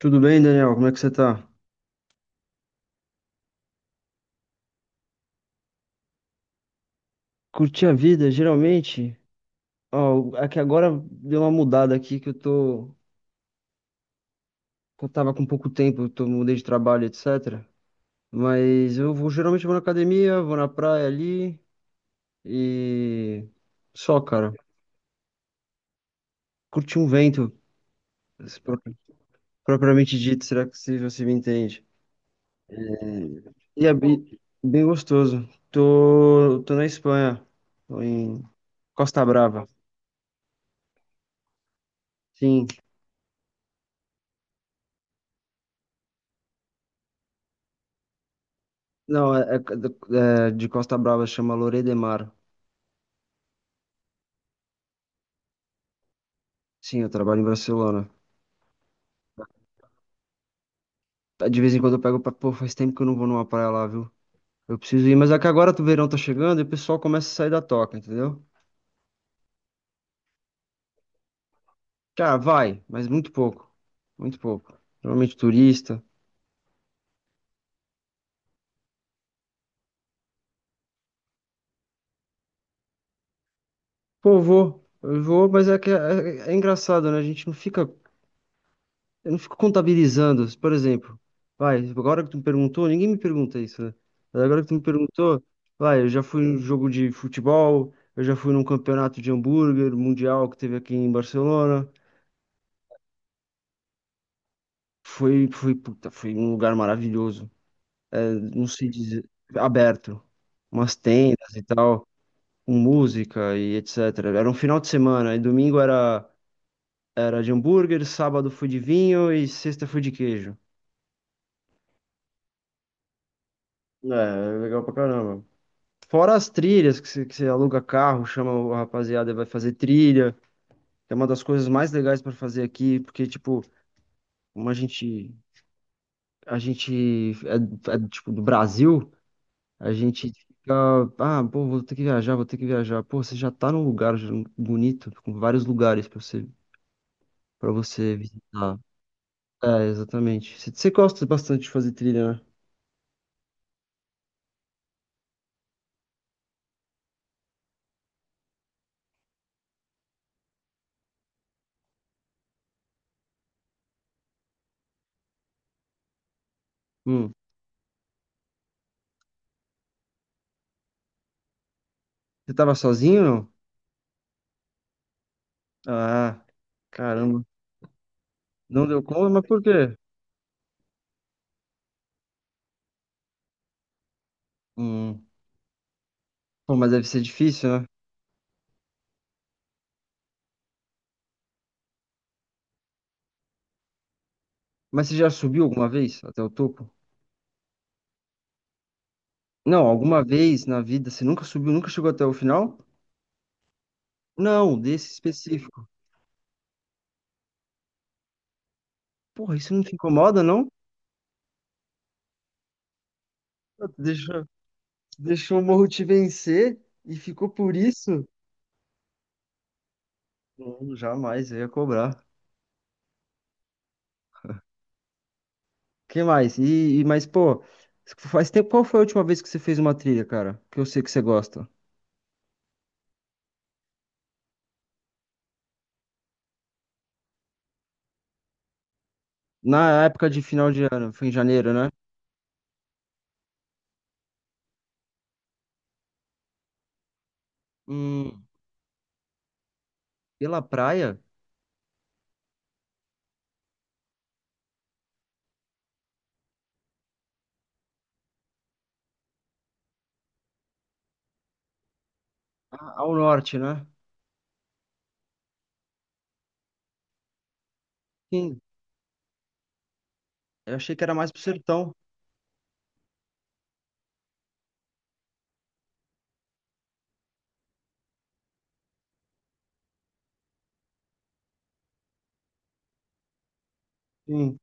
Tudo bem, Daniel? Como é que você tá? Curti a vida, geralmente. Ó, aqui agora deu uma mudada aqui que eu tô. Que Eu tava com pouco tempo, eu tô, mudei de trabalho, etc. Mas eu vou, geralmente vou na academia, vou na praia ali e. Só, cara. Curti um vento, se propriamente dito, será que se você me entende? E é bem, bem gostoso. Tô na Espanha, tô em Costa Brava. Sim. Não, é de Costa Brava, chama Lloret de Mar. Sim, eu trabalho em Barcelona. Tá, de vez em quando eu pego pra. Pô, faz tempo que eu não vou numa praia lá, viu? Eu preciso ir, mas é que agora o verão tá chegando e o pessoal começa a sair da toca, entendeu? Cara, vai, mas muito pouco. Muito pouco. Normalmente turista. Pô, eu vou. Eu vou, mas é que é engraçado, né? A gente não fica. Eu não fico contabilizando. Por exemplo, vai, agora que tu me perguntou, ninguém me pergunta isso, né? Mas agora que tu me perguntou, vai, eu já fui num jogo de futebol, eu já fui num campeonato de hambúrguer mundial que teve aqui em Barcelona. Foi, puta, foi um lugar maravilhoso. É, não sei dizer, aberto. Umas tendas e tal, com música e etc. Era um final de semana, e domingo era de hambúrguer, sábado foi de vinho e sexta foi de queijo. É, legal pra caramba. Fora as trilhas, que você aluga carro, chama o rapaziada e vai fazer trilha, que é uma das coisas mais legais pra fazer aqui, porque, tipo, como a gente, a gente tipo, do Brasil. A gente fica, ah, pô, vou ter que viajar, vou ter que viajar. Pô, você já tá num lugar já bonito, com vários lugares para você visitar. É, exatamente. Você gosta bastante de fazer trilha, né? Hum. Você tava sozinho, não? Ah, caramba. Não deu conta, mas por quê? Hum. Pô, mas deve ser difícil, né? Mas você já subiu alguma vez até o topo? Não, alguma vez na vida você nunca subiu, nunca chegou até o final? Não, desse específico. Porra, isso não te incomoda, não? Deixa. Deixou o Morro te vencer e ficou por isso? Não, jamais, eu ia cobrar. Que mais? Mas, pô, faz tempo, qual foi a última vez que você fez uma trilha, cara? Que eu sei que você gosta. Na época de final de ano, foi em janeiro, né? Hum, pela praia? Ah, ao norte, né? Sim, eu achei que era mais pro sertão. Sim.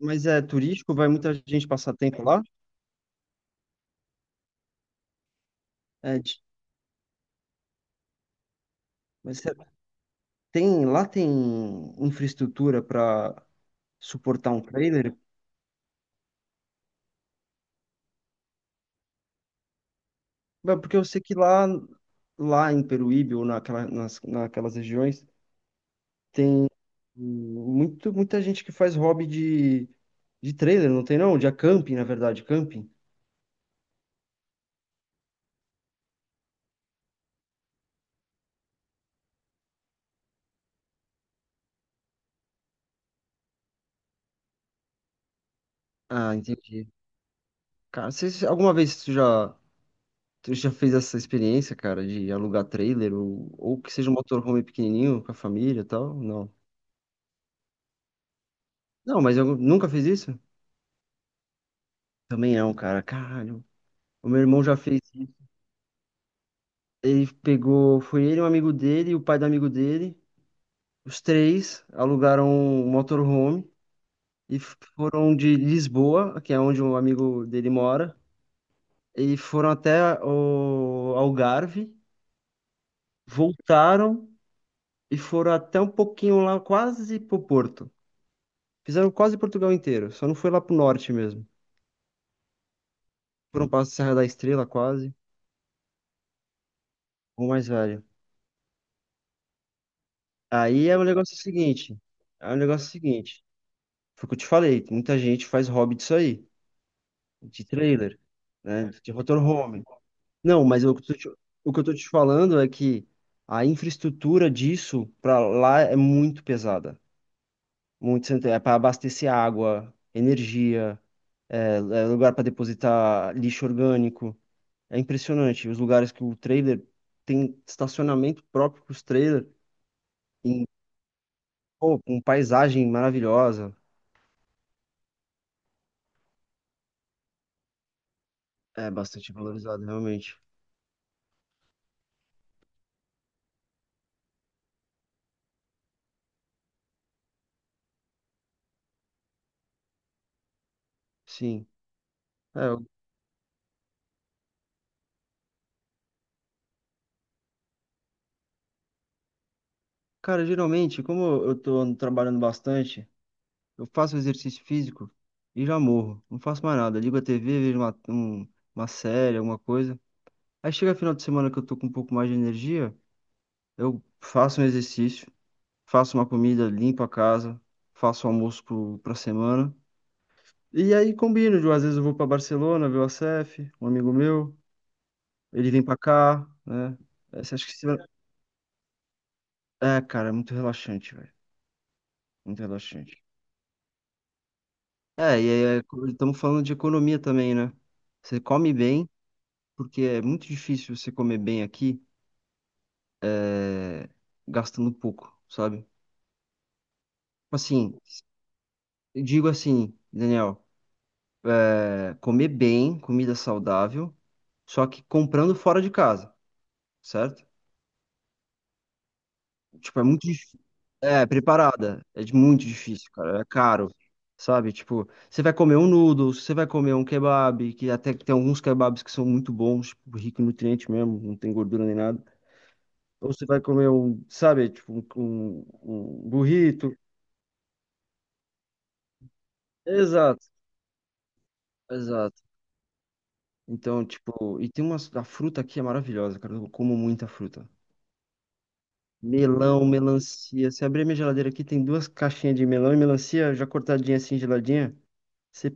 Mas é turístico, vai muita gente passar tempo lá? É, mas lá tem infraestrutura para suportar um trailer? Mas porque eu sei que lá em Peruíbe ou naquelas regiões tem muita gente que faz hobby de trailer, não tem não? De camping, na verdade, camping. Ah, entendi. Cara, alguma vez tu já fez essa experiência, cara, de alugar trailer ou que seja um motorhome pequenininho com a família e tal? Não. Não, mas eu nunca fiz isso? Também não, cara. Caralho. O meu irmão já fez isso. Ele pegou, foi ele, um amigo dele, o pai do amigo dele. Os três alugaram um motorhome e foram de Lisboa, que é onde um amigo dele mora, e foram até o Algarve, voltaram e foram até um pouquinho lá, quase pro Porto. Fizeram quase Portugal inteiro, só não foi lá pro norte mesmo. Foram para Serra da Estrela, quase, ou mais velho. Aí é o negócio seguinte, foi o que eu te falei, muita gente faz hobby disso aí, de trailer, né, de motorhome. Não, mas o que eu tô te falando é que a infraestrutura disso para lá é muito pesada. Muito, é para abastecer água, energia, é lugar para depositar lixo orgânico. É impressionante. Os lugares que o trailer tem estacionamento próprio para os trailers, em, pô, com paisagem maravilhosa. É bastante valorizado, realmente. Sim. É, cara, geralmente, como eu tô trabalhando bastante, eu faço exercício físico e já morro. Não faço mais nada. Ligo a TV, vejo uma série, alguma coisa. Aí chega final de semana que eu tô com um pouco mais de energia, eu faço um exercício, faço uma comida, limpo a casa, faço almoço pra semana. E aí combino, às vezes eu vou pra Barcelona ver o ACF, um amigo meu, ele vem pra cá, né? Essa, acho que se... É, cara, é muito relaxante, velho. Muito relaxante. É, e aí, estamos falando de economia também, né? Você come bem. Porque é muito difícil você comer bem aqui é, gastando pouco, sabe? Assim, eu digo assim, Daniel, comer bem, comida saudável, só que comprando fora de casa, certo? Tipo, é muito difícil. É, preparada. Muito difícil, cara. É caro. Sabe? Tipo, você vai comer um noodles, você vai comer um kebab, que até que tem alguns kebabs que são muito bons, tipo, rico em nutriente mesmo, não tem gordura nem nada. Ou você vai comer um, sabe, tipo, um burrito. Exato. Exato. Então, tipo, e tem umas. A fruta aqui é maravilhosa, cara. Eu como muita fruta. Melão, melancia. Se abrir minha geladeira aqui, tem duas caixinhas de melão e melancia já cortadinha assim, geladinha. Você...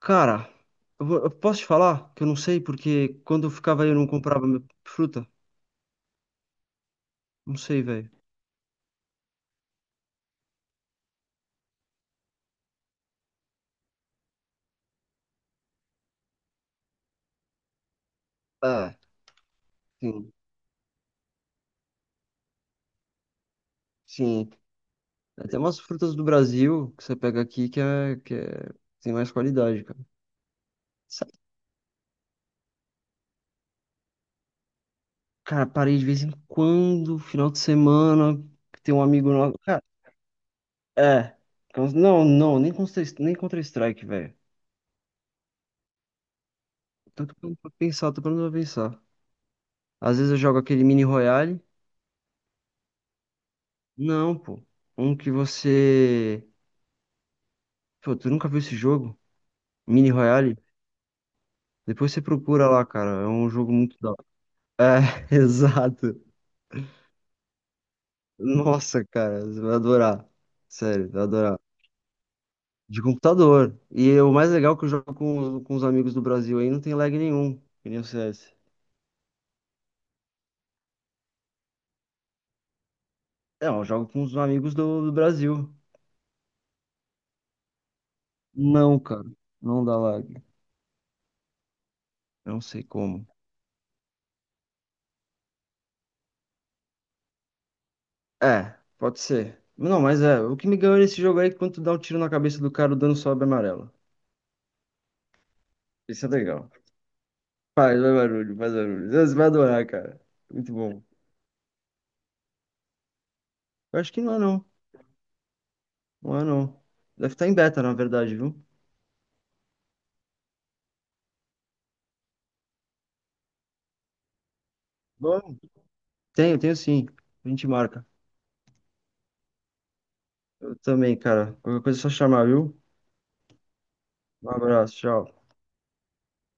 Cara, eu posso te falar que eu não sei porque quando eu ficava aí eu não comprava fruta? Não sei, velho. Ah, sim, sim. Tem umas frutas do Brasil que você pega aqui tem mais qualidade, cara. Sabe, cara, parei de vez em quando, final de semana, que tem um amigo nosso. É. Não, não, nem Counter, nem Counter-Strike, velho. Tanto pra pensar, tô parando pra pensar. Às vezes eu jogo aquele Mini Royale. Não, pô. Um que você. Pô, tu nunca viu esse jogo? Mini Royale? Depois você procura lá, cara. É um jogo muito da hora. É, exato. Nossa, cara, você vai adorar. Sério, vai adorar. De computador. E é o mais legal é que eu jogo com os amigos do Brasil aí, não tem lag nenhum, que nem o CS. Não, eu jogo com os amigos do Brasil. Não, cara. Não dá lag. Não sei como. É, pode ser. Não, mas é. O que me ganhou nesse jogo aí é que quando tu dá um tiro na cabeça do cara, o dano sobe amarelo. Isso é legal. Faz barulho, faz barulho. Você vai adorar, cara. Muito bom. Eu acho que não é não. Não é não. Deve estar em beta, na verdade, viu? Bom. Tenho, tenho sim. A gente marca. Eu também, cara. Qualquer coisa é só chamar, viu? Um abraço, tchau.